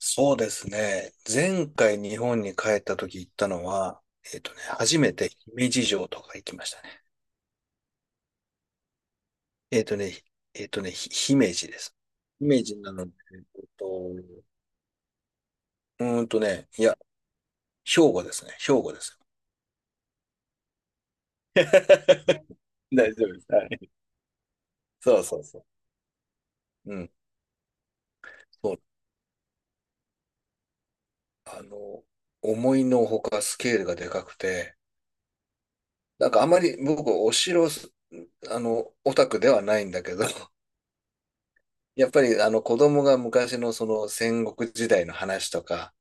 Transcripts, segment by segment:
そうですね。前回日本に帰った時行ったのは、初めて姫路城とか行きましたね。えっとね、えっとね、ひ姫路です。姫路なので、いや、兵庫ですね。兵庫です。大丈夫です。はい。そうそうそう。うん。そう。あの、思いのほかスケールがでかくて、なんかあまり僕お城す、あの、オタクではないんだけど、やっぱりあの子供が昔のその戦国時代の話とか、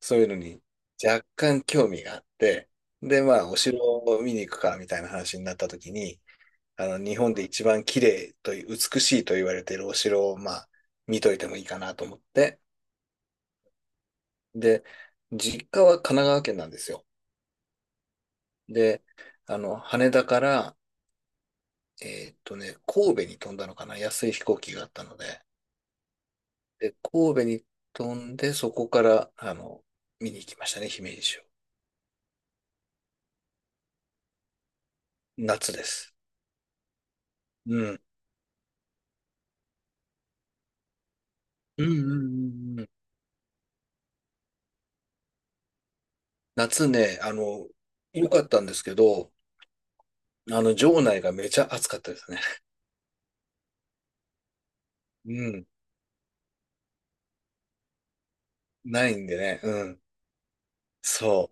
そういうのに若干興味があって、で、まあ、お城を見に行くかみたいな話になった時に、日本で一番綺麗という、美しいと言われているお城を、まあ、見といてもいいかなと思って、で、実家は神奈川県なんですよ。で、羽田から、神戸に飛んだのかな、安い飛行機があったので、で、神戸に飛んで、そこから、見に行きましたね、姫路城。夏です。うん。うんうんうんうん。夏ね、良かったんですけど、城内がめちゃ暑かったですね。うん。ないんでね、うん。そ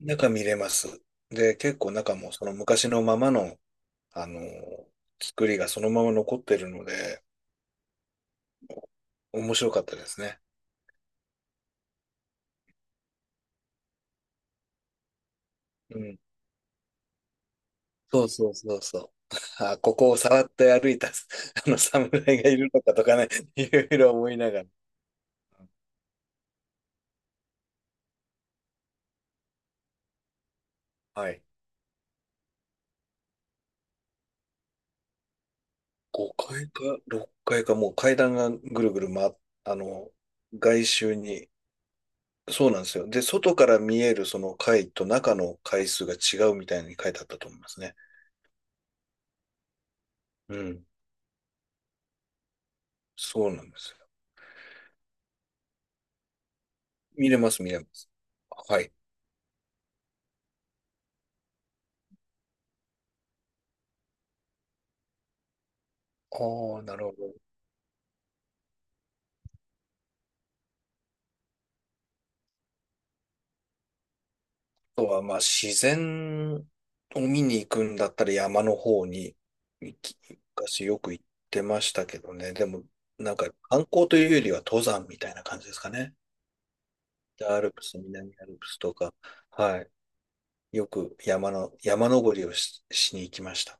う。中見れます。で、結構中もその昔のままの、あの、作りがそのまま残ってるので、面白かったですね。うん。そうそうそうそう。あ、ここをさらっと歩いた、あの侍がいるのかとかね、いろいろ思いながら。はい。5階か6階かいか、もう階段がぐるぐる回っ、あの、外周に。そうなんですよ。で、外から見えるその階と中の階数が違うみたいに書いてあったと思いますね。うん。そうなんですよ。見れます、見れます。はい。ああ、なるほど。とは、まあ、自然を見に行くんだったら山の方に行き、昔よく行ってましたけどね。でも、なんか観光というよりは登山みたいな感じですかね。北アルプス、南アルプスとか、はい。よく山登りをしに行きました。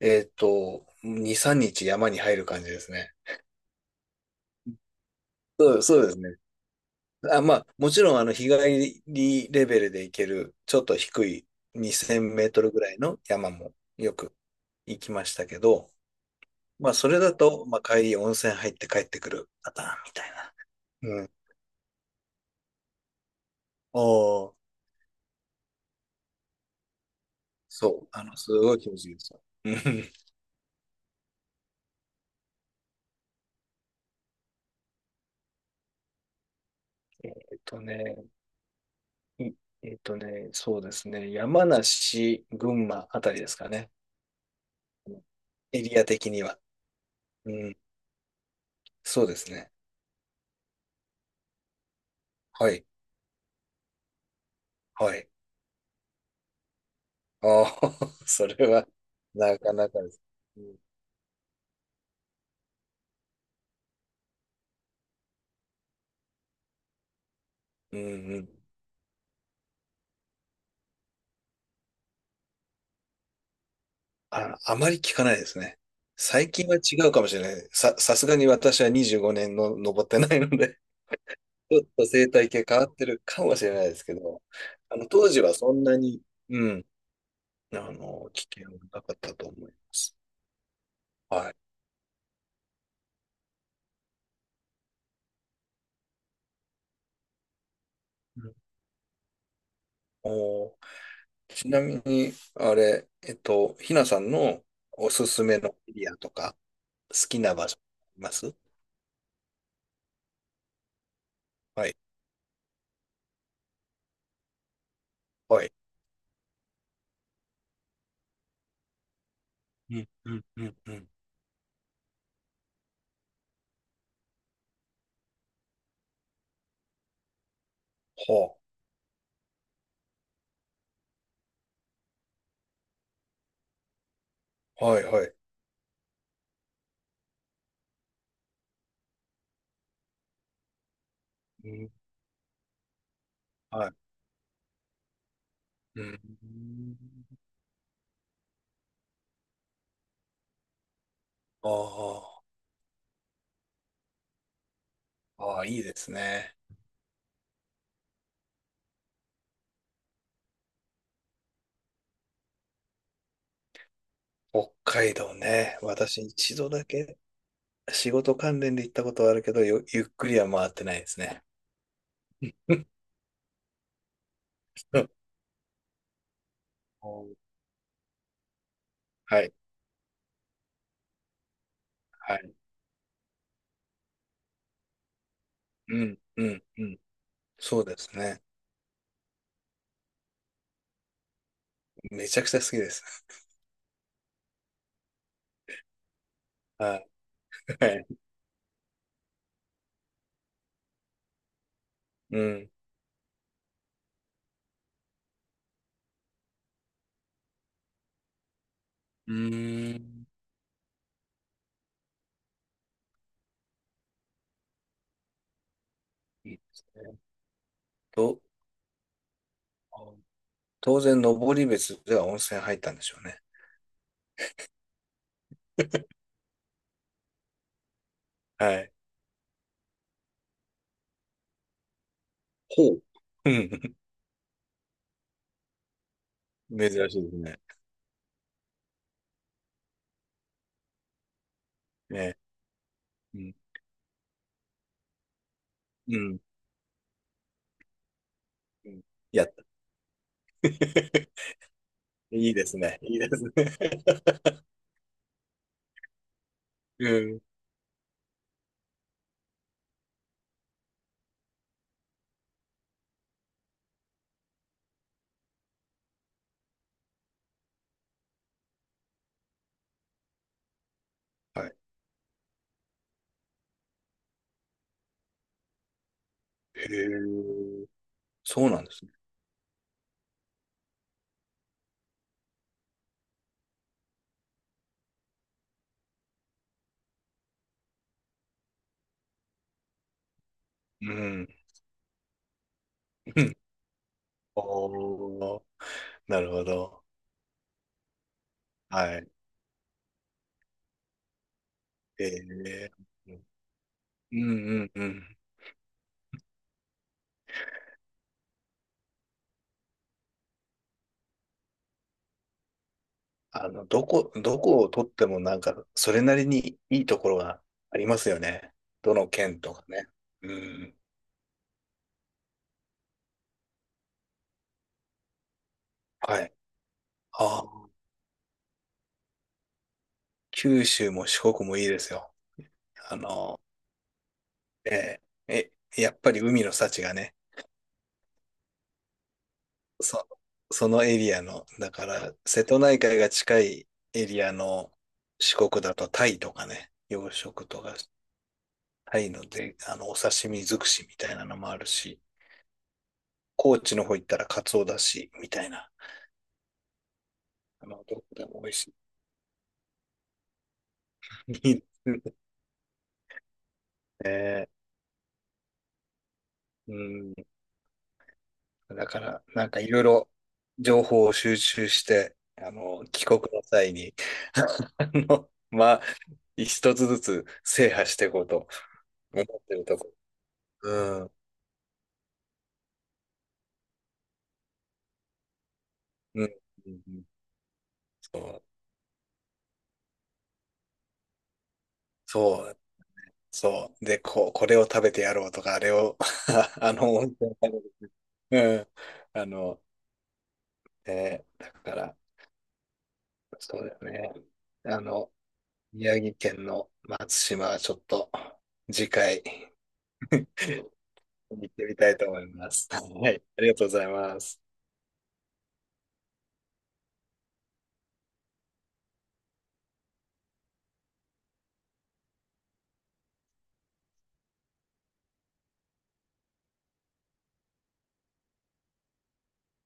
2、3日山に入る感じですね。そう、そうですね。あ、まあ、もちろん、日帰りレベルで行ける、ちょっと低い2000メートルぐらいの山もよく行きましたけど、まあ、それだと、まあ、帰り温泉入って帰ってくるパターンみたいな。うん。おおそう、すごい気持ちいいですよ。うん。えっとね、いえっとね、そうですね、山梨、群馬あたりですかね。エリア的には。うん、そうですね。はい、はい。ああ、それは、なかなかです。うん、うん。あ、あまり聞かないですね。最近は違うかもしれない。さすがに私は25年の登ってないので、ちょっと生態系変わってるかもしれないですけど、当時はそんなに、うん、危険はなかったと思います。はい。うん。おー、ちなみに、あれ、ひなさんのおすすめのエリアとか、好きな場所あります？はい。はい。うん、うん、うん、うん。はあ、はいはい。うん、はい。うん。ああ、ああ、いいですね。北海道ね。私一度だけ仕事関連で行ったことはあるけど、ゆっくりは回ってないですね。はい、はい。うん、うん、うん。そうですね。めちゃくちゃ好きです。はい、はい。うん、うーん。いいですね。と、当然、登別では温泉入ったんでしょうね。はい。ほう。うん。珍しいですね。ね。うん。うん。うん。やった。いいですね。いいですね。うん。はい。へえ。そうなんですね。うん。うん。おお、なるほど。はい。ええ。うん。うんうんうん。どこどこを取ってもなんか、それなりにいいところがありますよね。どの県とかね。うん。はい。ああ、九州も四国もいいですよ。あのええ、やっぱり海の幸がね、そ、そのエリアの、だから、瀬戸内海が近いエリアの四国だとタイとかね、養殖とか、タイので、お刺身尽くしみたいなのもあるし、高知の方行ったらカツオだし、みたいな、どこでも美味しい。いいですね。うん。だから、なんかいろいろ情報を収集して、帰国の際に、まあ、一つずつ制覇していこうと思ってるとこ。うん、うん、うん、そう、そう、そう。で、こう、これを食べてやろうとか、あれを 温泉食べる。うん、だから、そうだよね。あの、宮城県の松島はちょっと、次回、行ってみたいと思います。はい、ありがとうございます。